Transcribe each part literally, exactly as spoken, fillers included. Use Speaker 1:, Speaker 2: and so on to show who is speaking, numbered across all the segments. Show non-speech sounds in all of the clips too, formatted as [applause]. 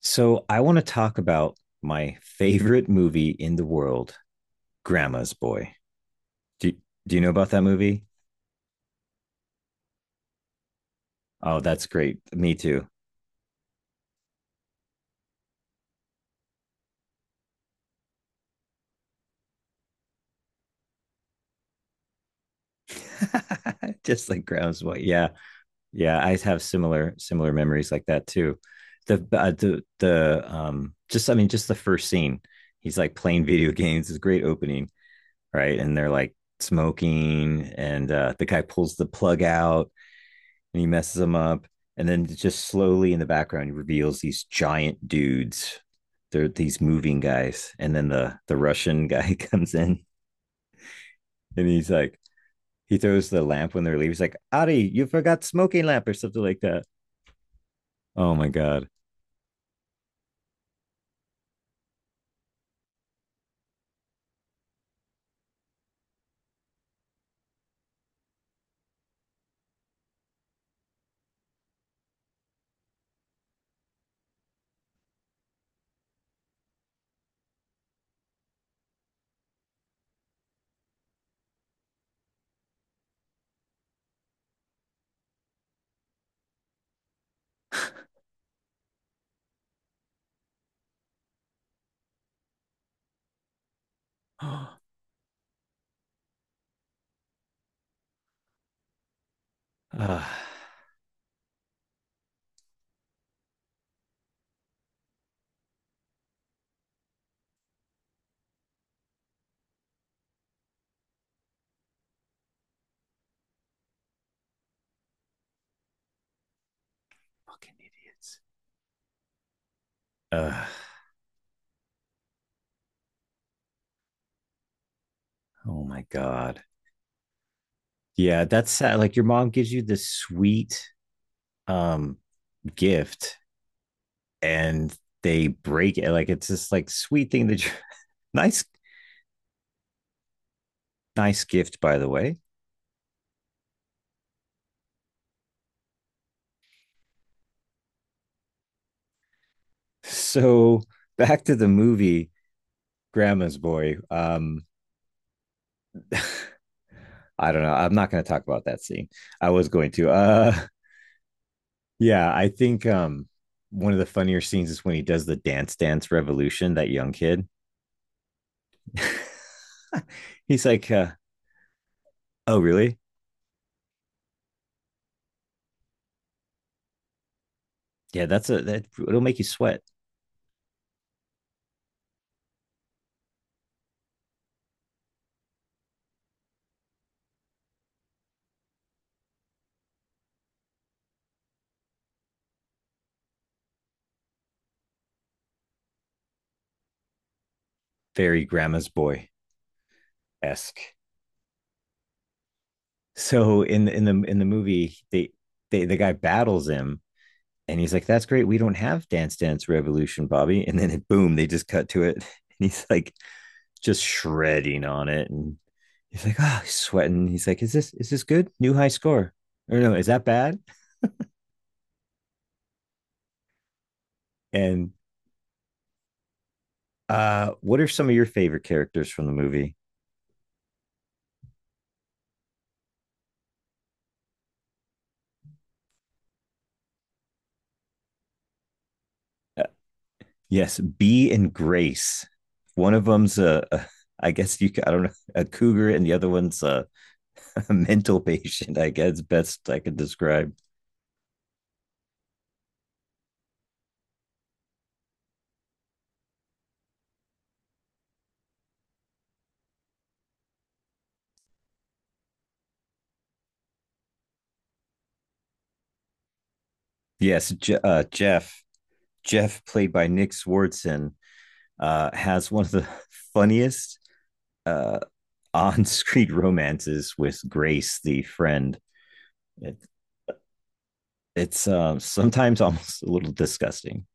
Speaker 1: So I want to talk about my favorite movie in the world, Grandma's Boy. Do do you know about that movie? Oh, that's great. Me too. [laughs] Just like Grandma's Boy. Yeah. Yeah, I have similar similar memories like that too. The uh, the the um just I mean Just the first scene. He's like playing video [laughs] games. It's a great opening, right? And they're like smoking, and uh the guy pulls the plug out and he messes them up. And then just slowly in the background, he reveals these giant dudes. They're these moving guys. And then the the Russian [laughs] guy comes in and he's like, he throws the lamp when they're leaving. He's like, "Ari, you forgot smoking lamp," or something like that. Oh my god. [gasps] Ah, fucking idiots. Uh, oh my god. Yeah, that's sad. Like your mom gives you this sweet um gift and they break it. Like it's this like sweet thing that you [laughs] nice. Nice gift, by the way. [laughs] So back to the movie Grandma's Boy. Um, [laughs] I don't know. I'm not going to talk about that scene. I was going to. Uh, [laughs] yeah, I think um, one of the funnier scenes is when he does the dance dance revolution. That young kid. [laughs] He's like, uh, "Oh, really? Yeah, that's a that. It'll make you sweat." Very Grandma's Boy esque. So in in the in the movie, they, they the guy battles him. And he's like, "That's great. We don't have Dance Dance Revolution, Bobby." And then it, boom, they just cut to it, [laughs] and he's like, just shredding on it, and he's like, "Oh, he's sweating." He's like, "Is this is this good? New high score? Or no, is that bad?" And uh, what are some of your favorite characters from the movie? Uh, yes, Bee and Grace. One of them's a, a I guess you I don't know a cougar, and the other one's a, [laughs] a mental patient. I guess best I could describe. Yes, Je- uh, Jeff Jeff, played by Nick Swardson, uh, has one of the [laughs] funniest uh, on-screen romances with Grace, the friend. It, it's uh, sometimes almost a little disgusting.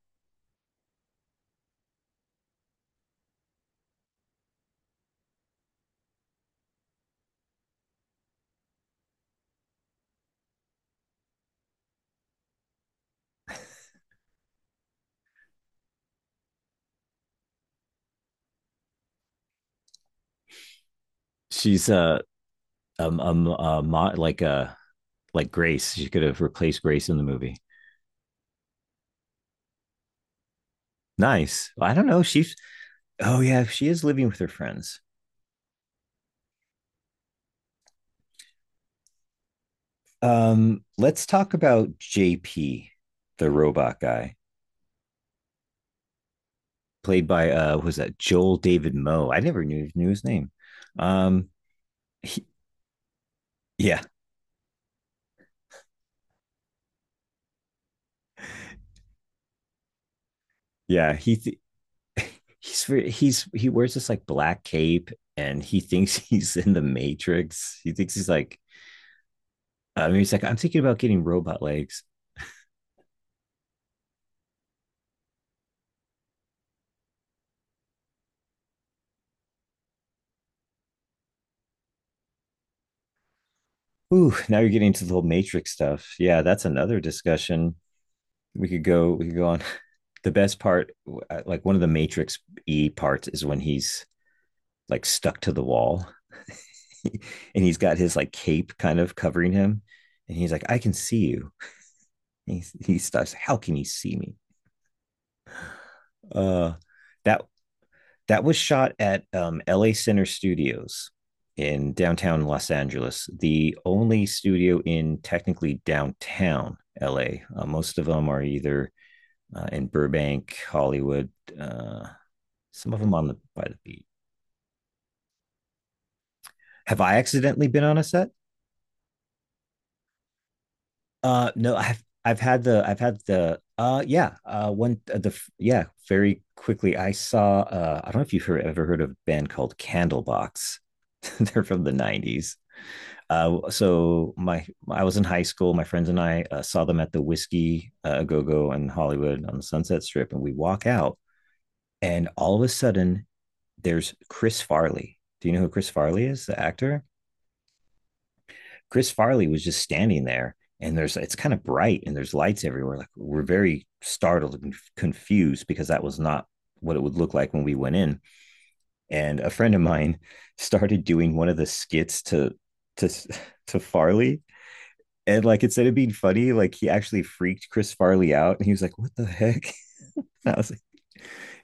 Speaker 1: She's uh, um, um, uh, mo- like uh, like Grace. She could have replaced Grace in the movie. Nice. I don't know. She's oh yeah, she is living with her friends. Um, let's talk about J P, the robot guy, played by uh what was that Joel David Moe. I never knew knew his name. Um he, yeah, yeah. He th- he's he's he wears this like black cape and he thinks [laughs] he's in the Matrix. He thinks he's like Uh, maybe it's like, I'm thinking about getting robot legs. [laughs] Ooh, now you're getting to the whole Matrix stuff. Yeah, that's another discussion. We could go. We could go on. [laughs] The best part, uh, like one of the Matrix E parts, is when he's like stuck to the wall, [laughs] and he's got his like cape kind of covering him, and he's like, "I can see you." He, he starts, how can you see me? Uh, that that was shot at um, L A Center Studios in downtown Los Angeles, the only studio in technically downtown L A. Uh, most of them are either uh, in Burbank, Hollywood, uh, some of them on the by the beach. Have I accidentally been on a set? Uh, no, I've I've had the I've had the uh yeah uh one uh, the yeah very quickly I saw uh I don't know if you've heard, ever heard of a band called Candlebox. [laughs] They're from the nineties. Uh, so my I was in high school. My friends and I uh, saw them at the Whiskey uh, Go Go in Hollywood on the Sunset Strip, and we walk out, and all of a sudden there's Chris Farley. Do you know who Chris Farley is? The actor. Chris Farley was just standing there and there's it's kind of bright and there's lights everywhere. Like we're very startled and confused because that was not what it would look like when we went in. And a friend of mine [laughs] started doing one of the skits to to [laughs] to Farley. And like instead of being funny, like he actually freaked Chris Farley out and he was like, "What the heck?" [laughs] I was like,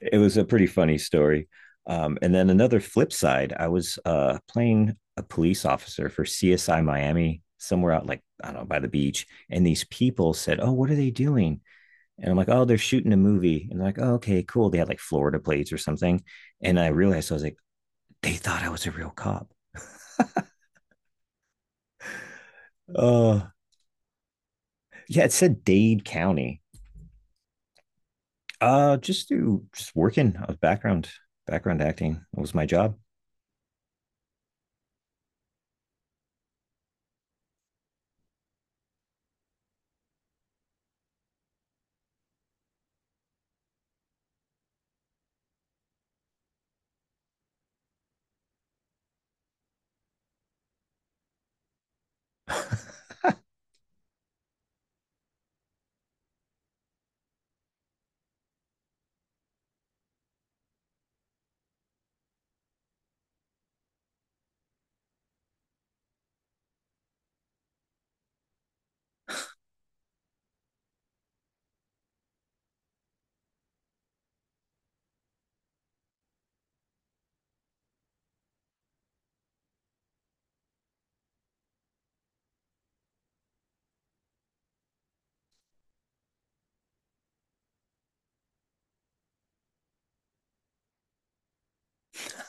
Speaker 1: it was a pretty funny story. Um, and then another flip side, I was uh, playing a police officer for C S I Miami somewhere out like I don't know by the beach, and these people said, "Oh, what are they doing?" And I'm like, "Oh, they're shooting a movie." And they're like, "Oh, okay, cool." They had like Florida plates or something, and I realized I was like, they thought I was a real cop. Oh, uh, yeah, it said Dade County. Uh, just do just working. I was background background acting. It was my job. [laughs]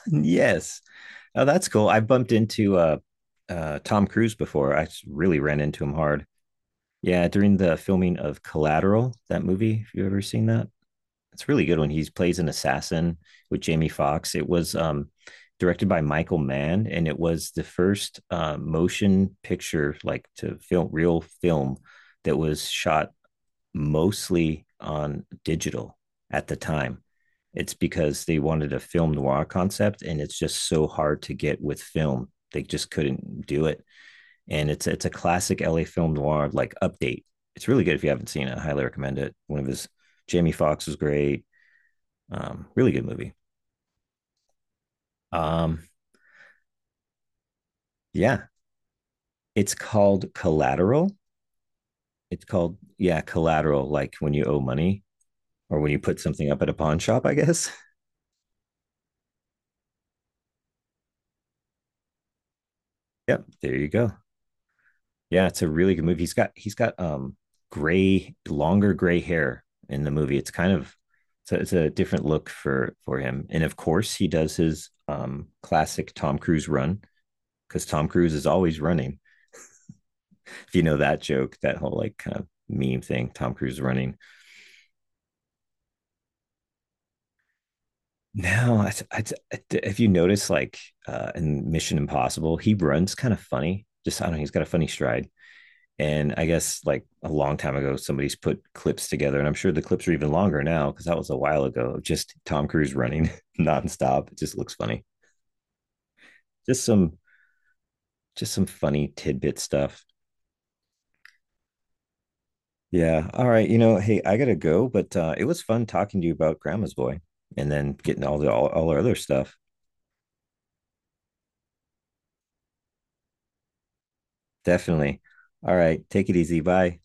Speaker 1: Yes. Oh, that's cool. I bumped into uh uh Tom Cruise before. I s- really ran into him hard. Yeah, during the filming of Collateral, that movie. If you ever seen that? It's really good when he plays an assassin with Jamie Foxx. It was um, directed by Michael Mann, and it was the first uh, motion picture, like to film real film, that was shot mostly on digital at the time. It's because they wanted a film noir concept, and it's just so hard to get with film. They just couldn't do it, and it's it's a classic L A film noir like update. It's really good if you haven't seen it. I highly recommend it. One of his Jamie Foxx was great. Um, really good movie. Um, yeah, it's called Collateral. It's called yeah, Collateral. Like when you owe money or when you put something up at a pawn shop, I guess. [laughs] Yep, there you go. Yeah, it's a really good movie. He's got he's got um gray, longer gray hair in the movie. It's kind of so it's a different look for for him. And of course, he does his um classic Tom Cruise run because Tom Cruise is always running. If you know that joke, that whole like kind of meme thing, Tom Cruise running. No, I, I, I, if you notice, like uh, in Mission Impossible, he runs kind of funny. Just I don't know, he's got a funny stride. And I guess like a long time ago, somebody's put clips together, and I'm sure the clips are even longer now because that was a while ago. Just Tom Cruise running [laughs] nonstop. It just looks funny. Just some just some funny tidbit stuff. Yeah. All right. You know, hey, I gotta go, but uh, it was fun talking to you about Grandma's Boy, and then getting all the all, all our other stuff. Definitely. All right. Take it easy. Bye.